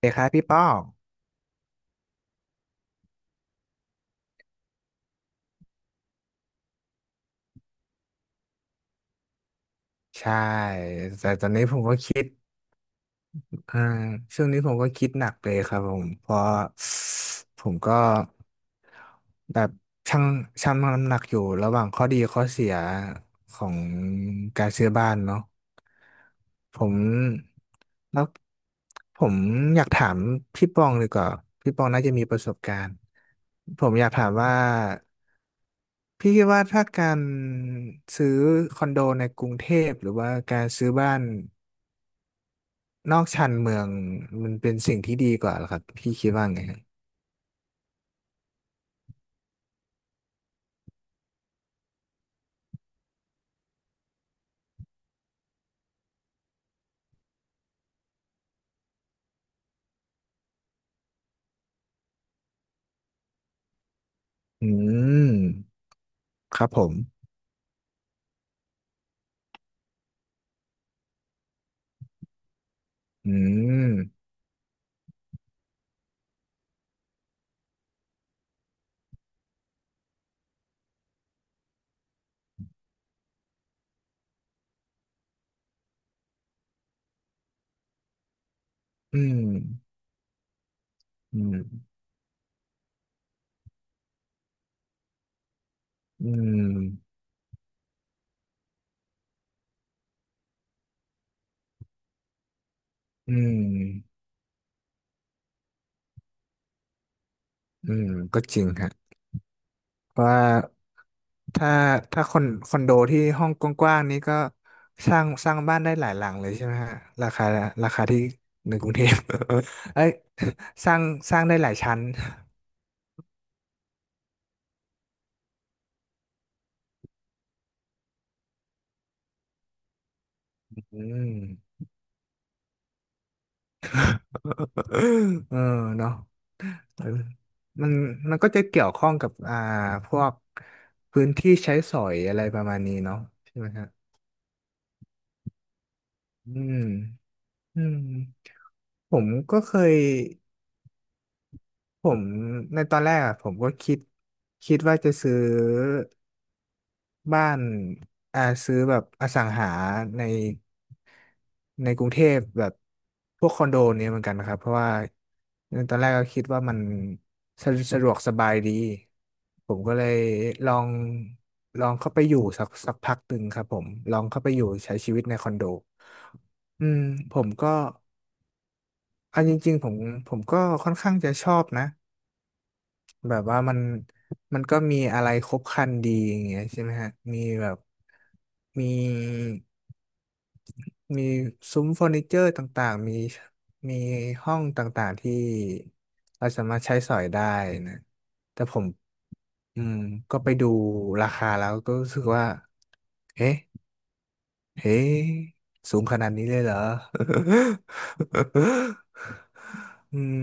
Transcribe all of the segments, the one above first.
เด็กครับพี่ป้องใช่แต่ตอนนี้ผมก็คิดอ่าช่วงนี้ผมก็คิดหนักเลยครับผมเพราะผมก็แบบชั่งชั่งน้ำหนักอยู่ระหว่างข้อดีข้อเสียของการซื้อบ้านเนาะผมแล้วผมอยากถามพี่ป้องดีกว่าพี่ป้องน่าจะมีประสบการณ์ผมอยากถามว่า พี่คิดว่าถ้าการซื้อคอนโดในกรุงเทพหรือว่าการซื้อบ้านนอกชานเมืองมันเป็นสิ่งที่ดีกว่าเหรอครับพี่คิดว่าไงฮะอืมครับผมอืมอืมอืมอืมอืมอืมก็จริงฮะเพราะว่าถ้าถ้าคอนโดที่ห้องกว้างๆนี้ก็สร้างบ้านได้หลายหลังเลยใช่ไหมฮะราคาราคาที่ในกรุงเทพ เอ้ยสร้างสร้างได้หลายชั้น อืม เออเนาะเออมันมันก็จะเกี่ยวข้องกับพวกพื้นที่ใช้สอยอะไรประมาณนี้เนาะใช่ไหมฮะอืมอืมผมก็เคยผมในตอนแรกอะผมก็คิดว่าจะซื้อ บ้านซื้อแบบอสังหาในในกรุงเทพแบบพวกคอนโดเนี่ยเหมือนกันนะครับเพราะว่าตอนแรกก็คิดว่ามันสะดวกสบายดีผมก็เลยลองลองเข้าไปอยู่สักพักหนึ่งครับผมลองเข้าไปอยู่ใช้ชีวิตในคอนโดอืมผมก็อันจริงๆผมก็ค่อนข้างจะชอบนะ แบบว่ามัน ก็มีอะไรครบครันดีอย่างเงี้ยใช่ไหมฮะ มีแบบ มี มีซุ้มเฟอร์นิเจอร์ต่างๆมีห้องต่างๆที่ เราสามารถใช้สอยได้นะ แต่ผมอืมก็ไปดูราคาแล้วก็รู้สึกว่าเอ๊ะเอ๊ะสูงขนาดนี้เลยเหรอ อืม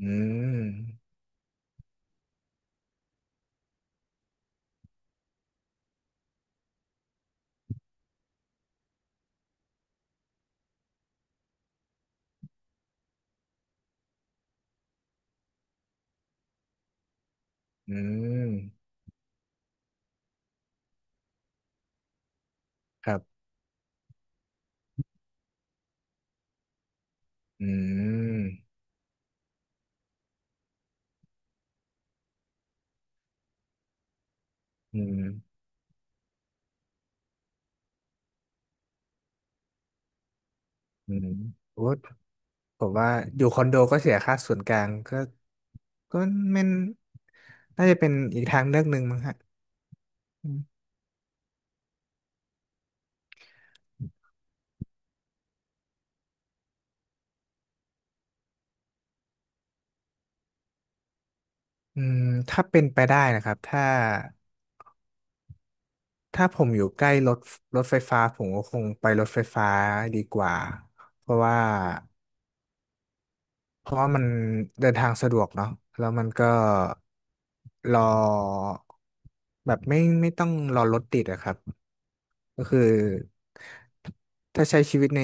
อืมอืมครับ อืมอืม อืมโอ้ผมว่าอยู่คอนโดก็เสียค่าส่วนกลางก็ก็ไม่น่าจะเป็นอีกทางเลือกหนึ่งมั้งฮะอืมอืมถ้าเป็นไปได้นะครับถ้าผมอยู่ใกล้รถไฟฟ้าผมก็คงไปรถไฟฟ้าดีกว่าเพราะว่าเพราะว่ามันเดินทางสะดวกเนาะแล้วมันก็รอแบบไม่ต้องรอรถติดอะครับ ก็คือถ้าใช้ชีวิตใน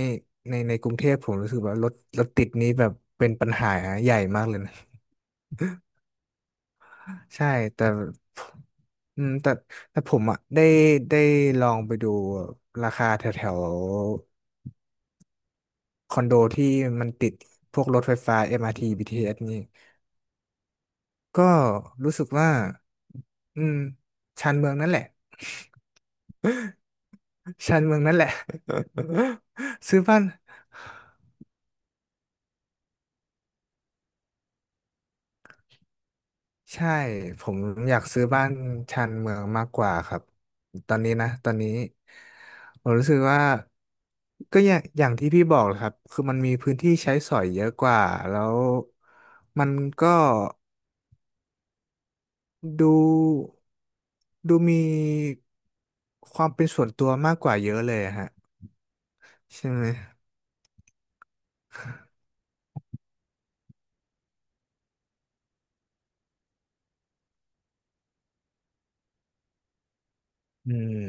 ในกรุงเทพผมรู้สึกว่ารถติดนี้แบบเป็นปัญหาใหญ่มากเลยนะ ใช่แต่แต่ผมอ่ะได้ได้ลองไปดูราคาแถวแถวคอนโดที่มันติดพวกรถไฟฟ้า MRT BTS นี่ก็รู้สึกว่าอืมชานเมืองนั่นแหละ ชานเมืองนั่นแหละ ซื้อบ้าน ใช่ผมอยากซื้อบ้านชานเมืองมากกว่าครับตอนนี้นะตอนนี้ผมรู้สึกว่าก็อย่างที่พี่บอกแหละครับคือมันมีพื้นที่ใช้สอยเยอะกว่าแล้วมันก็ดูดูมีความเป็นส่วนตัวมากกว่าเยอะเลยอะฮะใช่ไหมอืม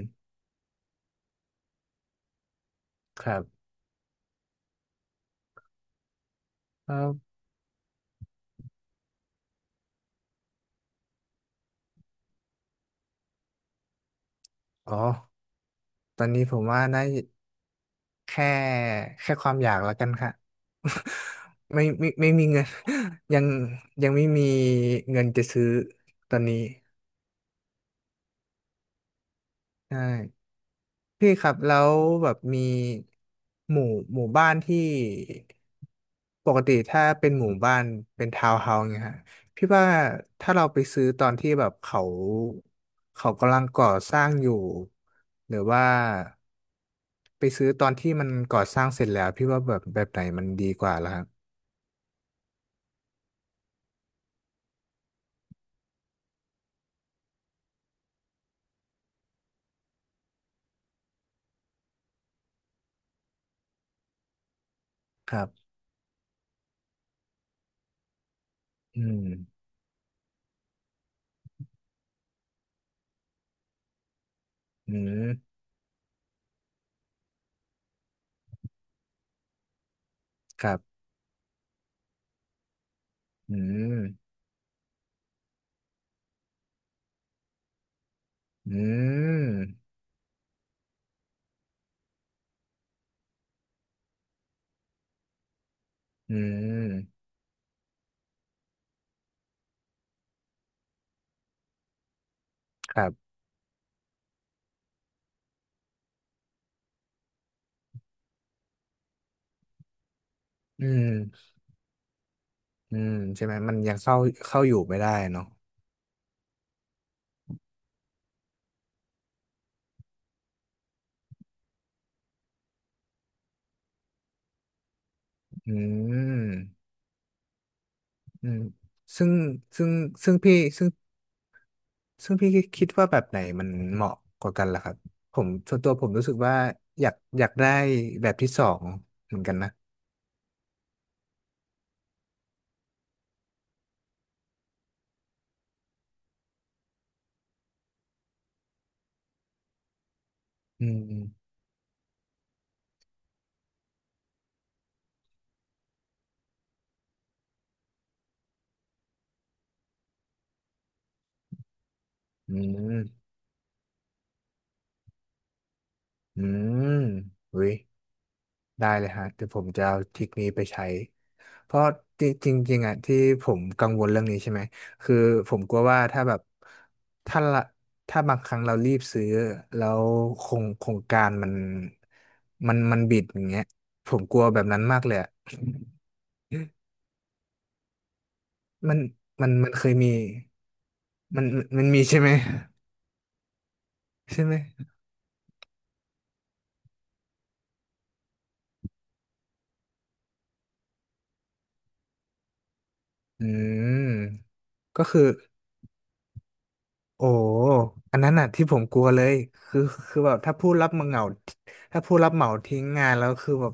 ครับแล้วอ๋อตอนนี้ผมว่านะ แค่แค่ความอยากแล้วกันค่ะ ไม่มีเงิน ยังยังไม่มีเงินจะซื้อตอนนี้ใช่พี่ครับแล้วแบบมีหมู่หมู่บ้านที่ปกติถ้าเป็นหมู่บ้านเป็นทาวน์เฮาส์เนี่ยฮะพี่ว่าถ้าเราไปซื้อตอนที่แบบเขากำลังก่อสร้างอยู่หรือว่าไปซื้อตอนที่มันก่อสร้างเสร็จแล้วพี่ว่าแบบไหนมันดีกว่าล่ะ ครับอืมอืมครับอืมอืมอืมครับอืมอืมใช่ไหม มันยังเข้าอยู่ไม่ได้เนาะอืมอืมซึ่งซึ่งซึ่งพี่คิดว่าแบบไหนมันเหมาะกว่ากันล่ะครับผมส่วนตัวผมรู้สึกว่าอยากได้แบบที่สองเหมือนกันนะ อืม อืมอืมอุ้ย ได้เลยฮะเดี๋ยวผมจะเอาทริคนี้ไปใช้เพราะจริงจริงๆอ่ะที่ผมกังวลเรื่องนี้ใช่ไหมคือผมกลัวว่าถ้าแบบถ้าละถ้าบางครั้งเรารีบซื้อแล้วโครงการมันมันบิดอย่างเงี้ยผมกลัวแบบนั้นมากเลยอะ มันมันเคยมีมันมันมีใช่ไหมใช่ไหมอืมก็คือ โอ้ อันนั้นน่ะที่ผมกลัวเลยคือคือแบบถ้าผู้รับเหมาทิ้งงานแล้วคือแบบ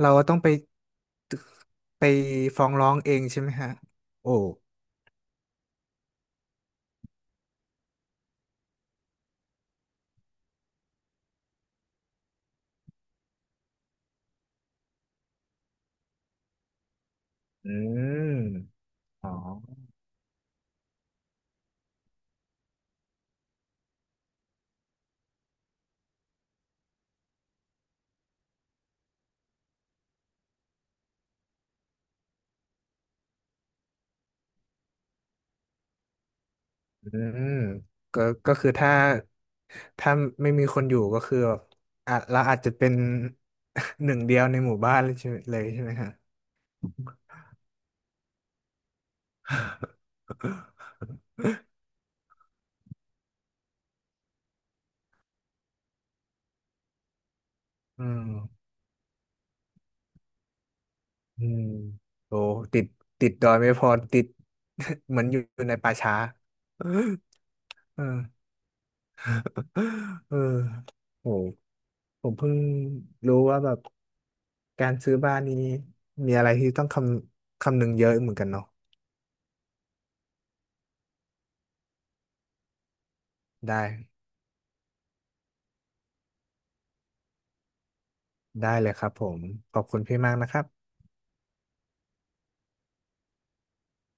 เราต้องไปฟ้องร้องเองใช่ไหมฮะ โอ้ อืมอ๋ออืมก็ก็คือถ้าไม่มีคนอยู่ก็คือแบบอ่ะเราอาจจะเป็น หนึ่งเดียวในหมู่บ้านเลยใช่ไหมฮะอืม อืมโอ้ติดติดดอยไม่พอติด เหมือนอยู่ในป่าช้า เออเออโหผมเพิ่งรู้ว่าแบบการซื้อบ้านนี้มีอะไรที่ต้องคำนึงเยอะเหมือนกันเนาะได้เลยครับผมขอบคุณพี่มากนะครับ